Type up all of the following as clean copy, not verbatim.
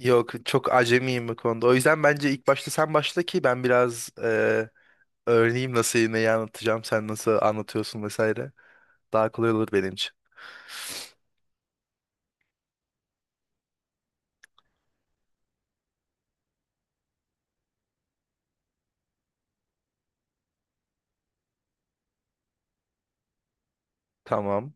Yok, çok acemiyim bu konuda. O yüzden bence ilk başta sen başla ki ben biraz öğreneyim nasıl neyi anlatacağım, sen nasıl anlatıyorsun vesaire. Daha kolay olur benim için. Tamam.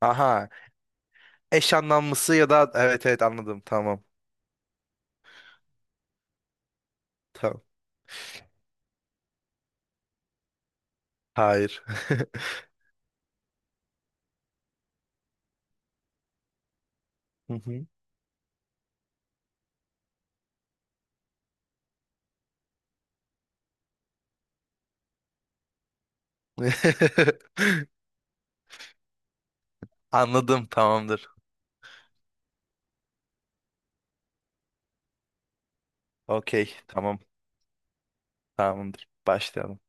Aha, eş anlamlısı ya da evet, evet, anladım, tamam. Tamam. Hayır. Hı hı. Anladım, tamamdır. Okey, tamam, tamamdır. Başlayalım.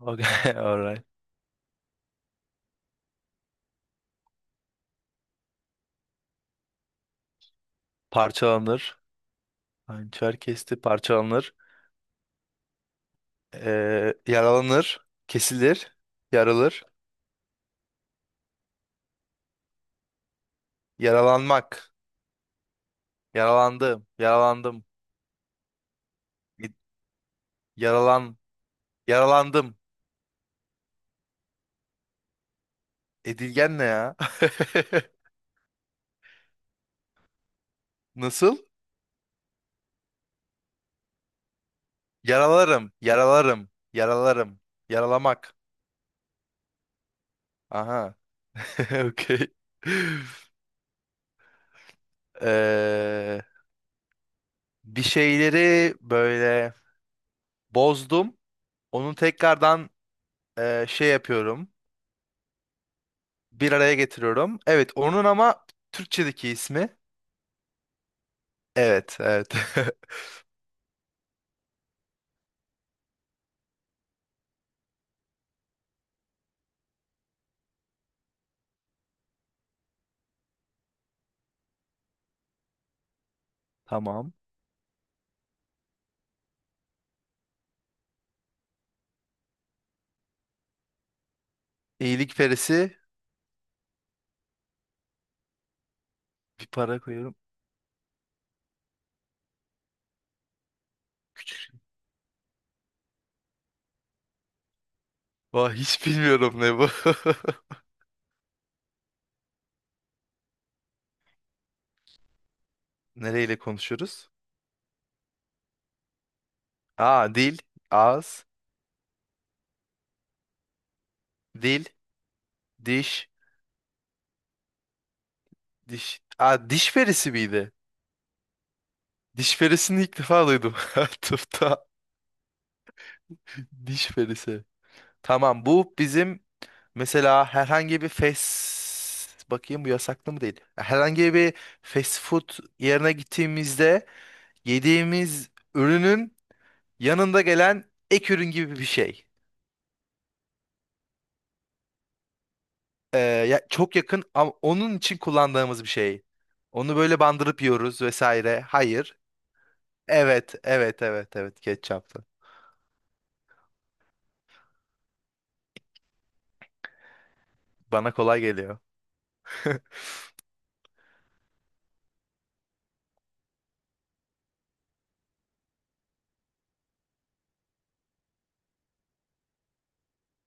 Okay, alright. Parçalanır. Hançer kesti, parçalanır. Yaralanır, kesilir, yarılır, yaralanmak, yaralandı, yaralandım, ed- yaralan, yaralandım. Edilgen ne ya? Nasıl? Yaralarım, yaralarım, yaralarım, yaralamak. Aha, okey. Ee, Bir şeyleri böyle bozdum, onu tekrardan şey yapıyorum, bir araya getiriyorum. Evet, onun ama Türkçedeki ismi. Evet, evet. Tamam. İyilikperisi, bir para koyuyorum. Vah, hiç bilmiyorum ne bu. Nereyle konuşuyoruz? Aa, dil, ağız, dil, diş, diş. Aa, diş perisi miydi? Diş perisini ilk defa duydum. Tıpta diş perisi. Tamam, bu bizim mesela herhangi bir fast, bakayım bu yasaklı mı değil. Herhangi bir fast food yerine gittiğimizde yediğimiz ürünün yanında gelen ek ürün gibi bir şey. Ya, çok yakın ama onun için kullandığımız bir şey. Onu böyle bandırıp yiyoruz vesaire. Hayır. Evet, evet, evet, evet. Ketçaplı. Bana kolay geliyor.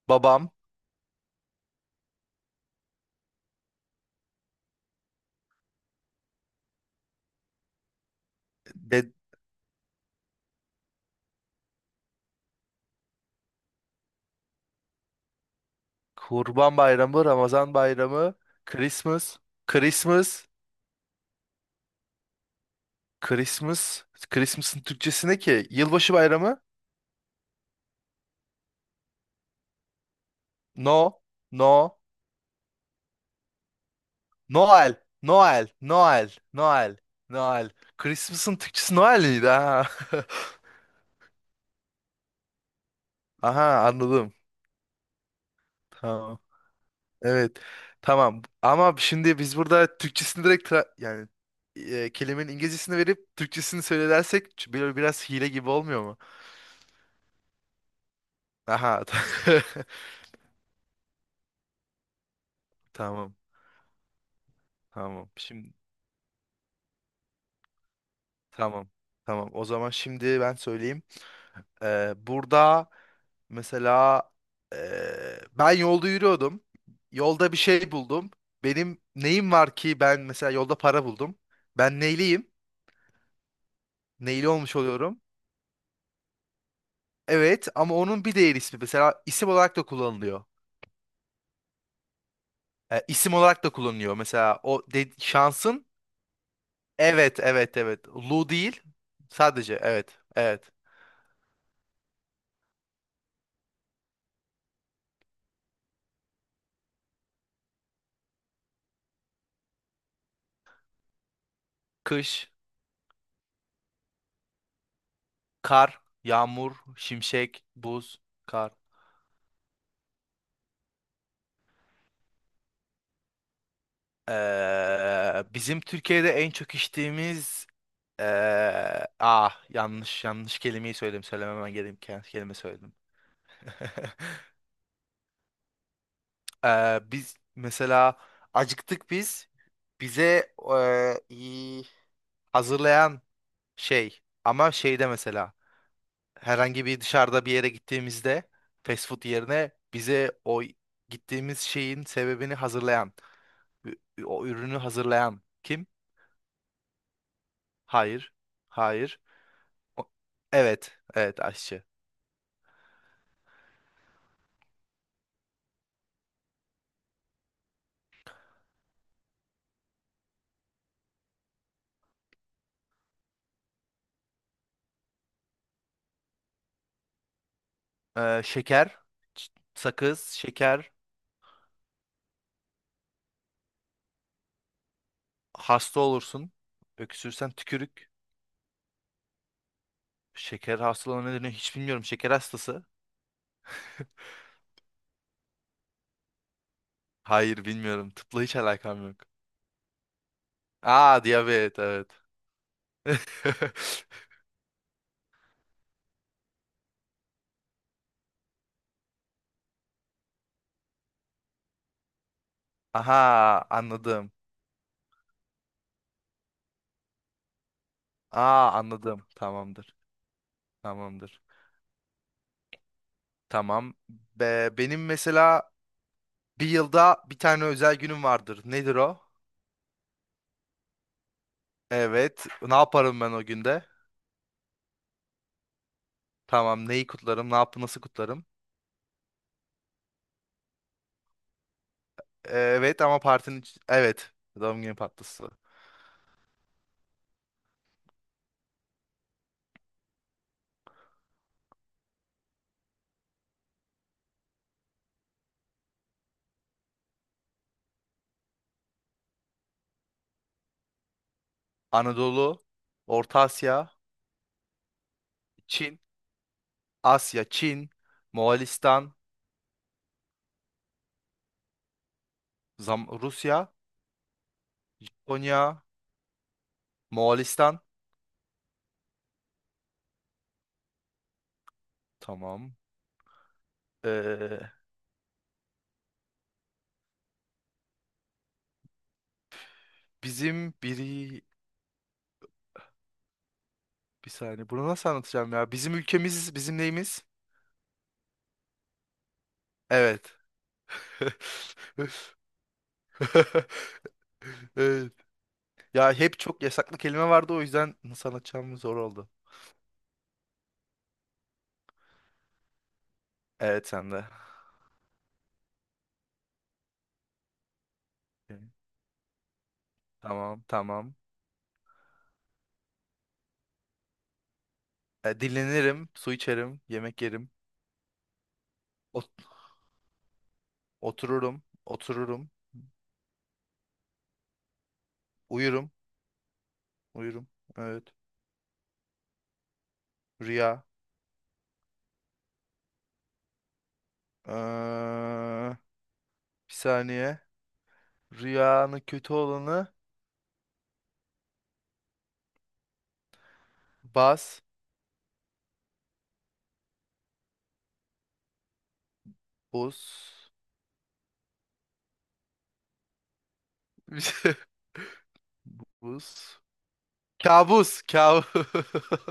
Babam, de, Kurban Bayramı, Ramazan Bayramı, Christmas, Christmas, Christmas, Christmas'ın Türkçesi ne ki? Yılbaşı Bayramı? No, no, Noel, Noel, Noel, Noel, Noel. Christmas'ın Türkçesi Noel miydi? Ha. Aha, anladım. Tamam. Evet. Tamam. Ama şimdi biz burada Türkçesini direkt yani kelimenin İngilizcesini verip Türkçesini söylersek böyle biraz hile gibi olmuyor mu? Aha. Tamam. Tamam. Şimdi tamam. Tamam. O zaman şimdi ben söyleyeyim. Burada mesela e, ben yolda yürüyordum. Yolda bir şey buldum. Benim neyim var ki, ben mesela yolda para buldum. Ben neyliyim? Neyli olmuş oluyorum? Evet ama onun bir diğer ismi mesela isim olarak da kullanılıyor. E, isim olarak da kullanılıyor. Mesela o şansın, evet, evet, evet. Lu değil, sadece, evet, evet. Kış, kar, yağmur, şimşek, buz, kar. Bizim Türkiye'de en çok içtiğimiz ah, yanlış, yanlış kelimeyi söyledim, söylememem gereken kelime söyledim. Biz mesela acıktık, biz, bize, e, hazırlayan şey, ama şeyde mesela herhangi bir dışarıda bir yere gittiğimizde fast food yerine bize o gittiğimiz şeyin sebebini hazırlayan o ürünü hazırlayan kim? Hayır. Hayır. O- evet. Evet, aşçı. Şeker, ç- sakız, şeker, hasta olursun. Öksürsen tükürük. Şeker hastalığına nedeni hiç bilmiyorum. Şeker hastası. Hayır, bilmiyorum. Tıpla hiç alakam yok. Aa, diyabet, evet. Aha, anladım. Aa, anladım. Tamamdır. Tamamdır. Tamam. Benim mesela bir yılda bir tane özel günüm vardır. Nedir o? Evet. Ne yaparım ben o günde? Tamam. Neyi kutlarım? Ne yap Nasıl kutlarım? Evet ama evet. Doğum günü partisi. Anadolu, Orta Asya, Çin, Asya, Çin, Moğolistan, Rusya, Japonya, Moğolistan. Tamam. Ee, Bizim biri, bir saniye. Bunu nasıl anlatacağım ya? Bizim ülkemiz, bizim neyimiz? Evet. Evet. Ya, hep çok yasaklı kelime vardı, o yüzden nasıl anlatacağım zor oldu. Evet, sen de. Okey. Tamam, tamam. E, dinlenirim, su içerim, yemek yerim. Ot- Otururum, otururum. Uyurum, uyurum. Evet. Rüya. Ee, Bir saniye. Rüyanın kötü olanı, bas, buz. Buz. Kabus, kabus.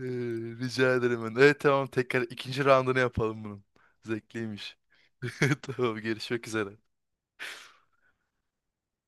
Rica ederim ben. Evet, tamam, tekrar ikinci roundunu yapalım bunun. Zevkliymiş. Tamam, görüşmek üzere.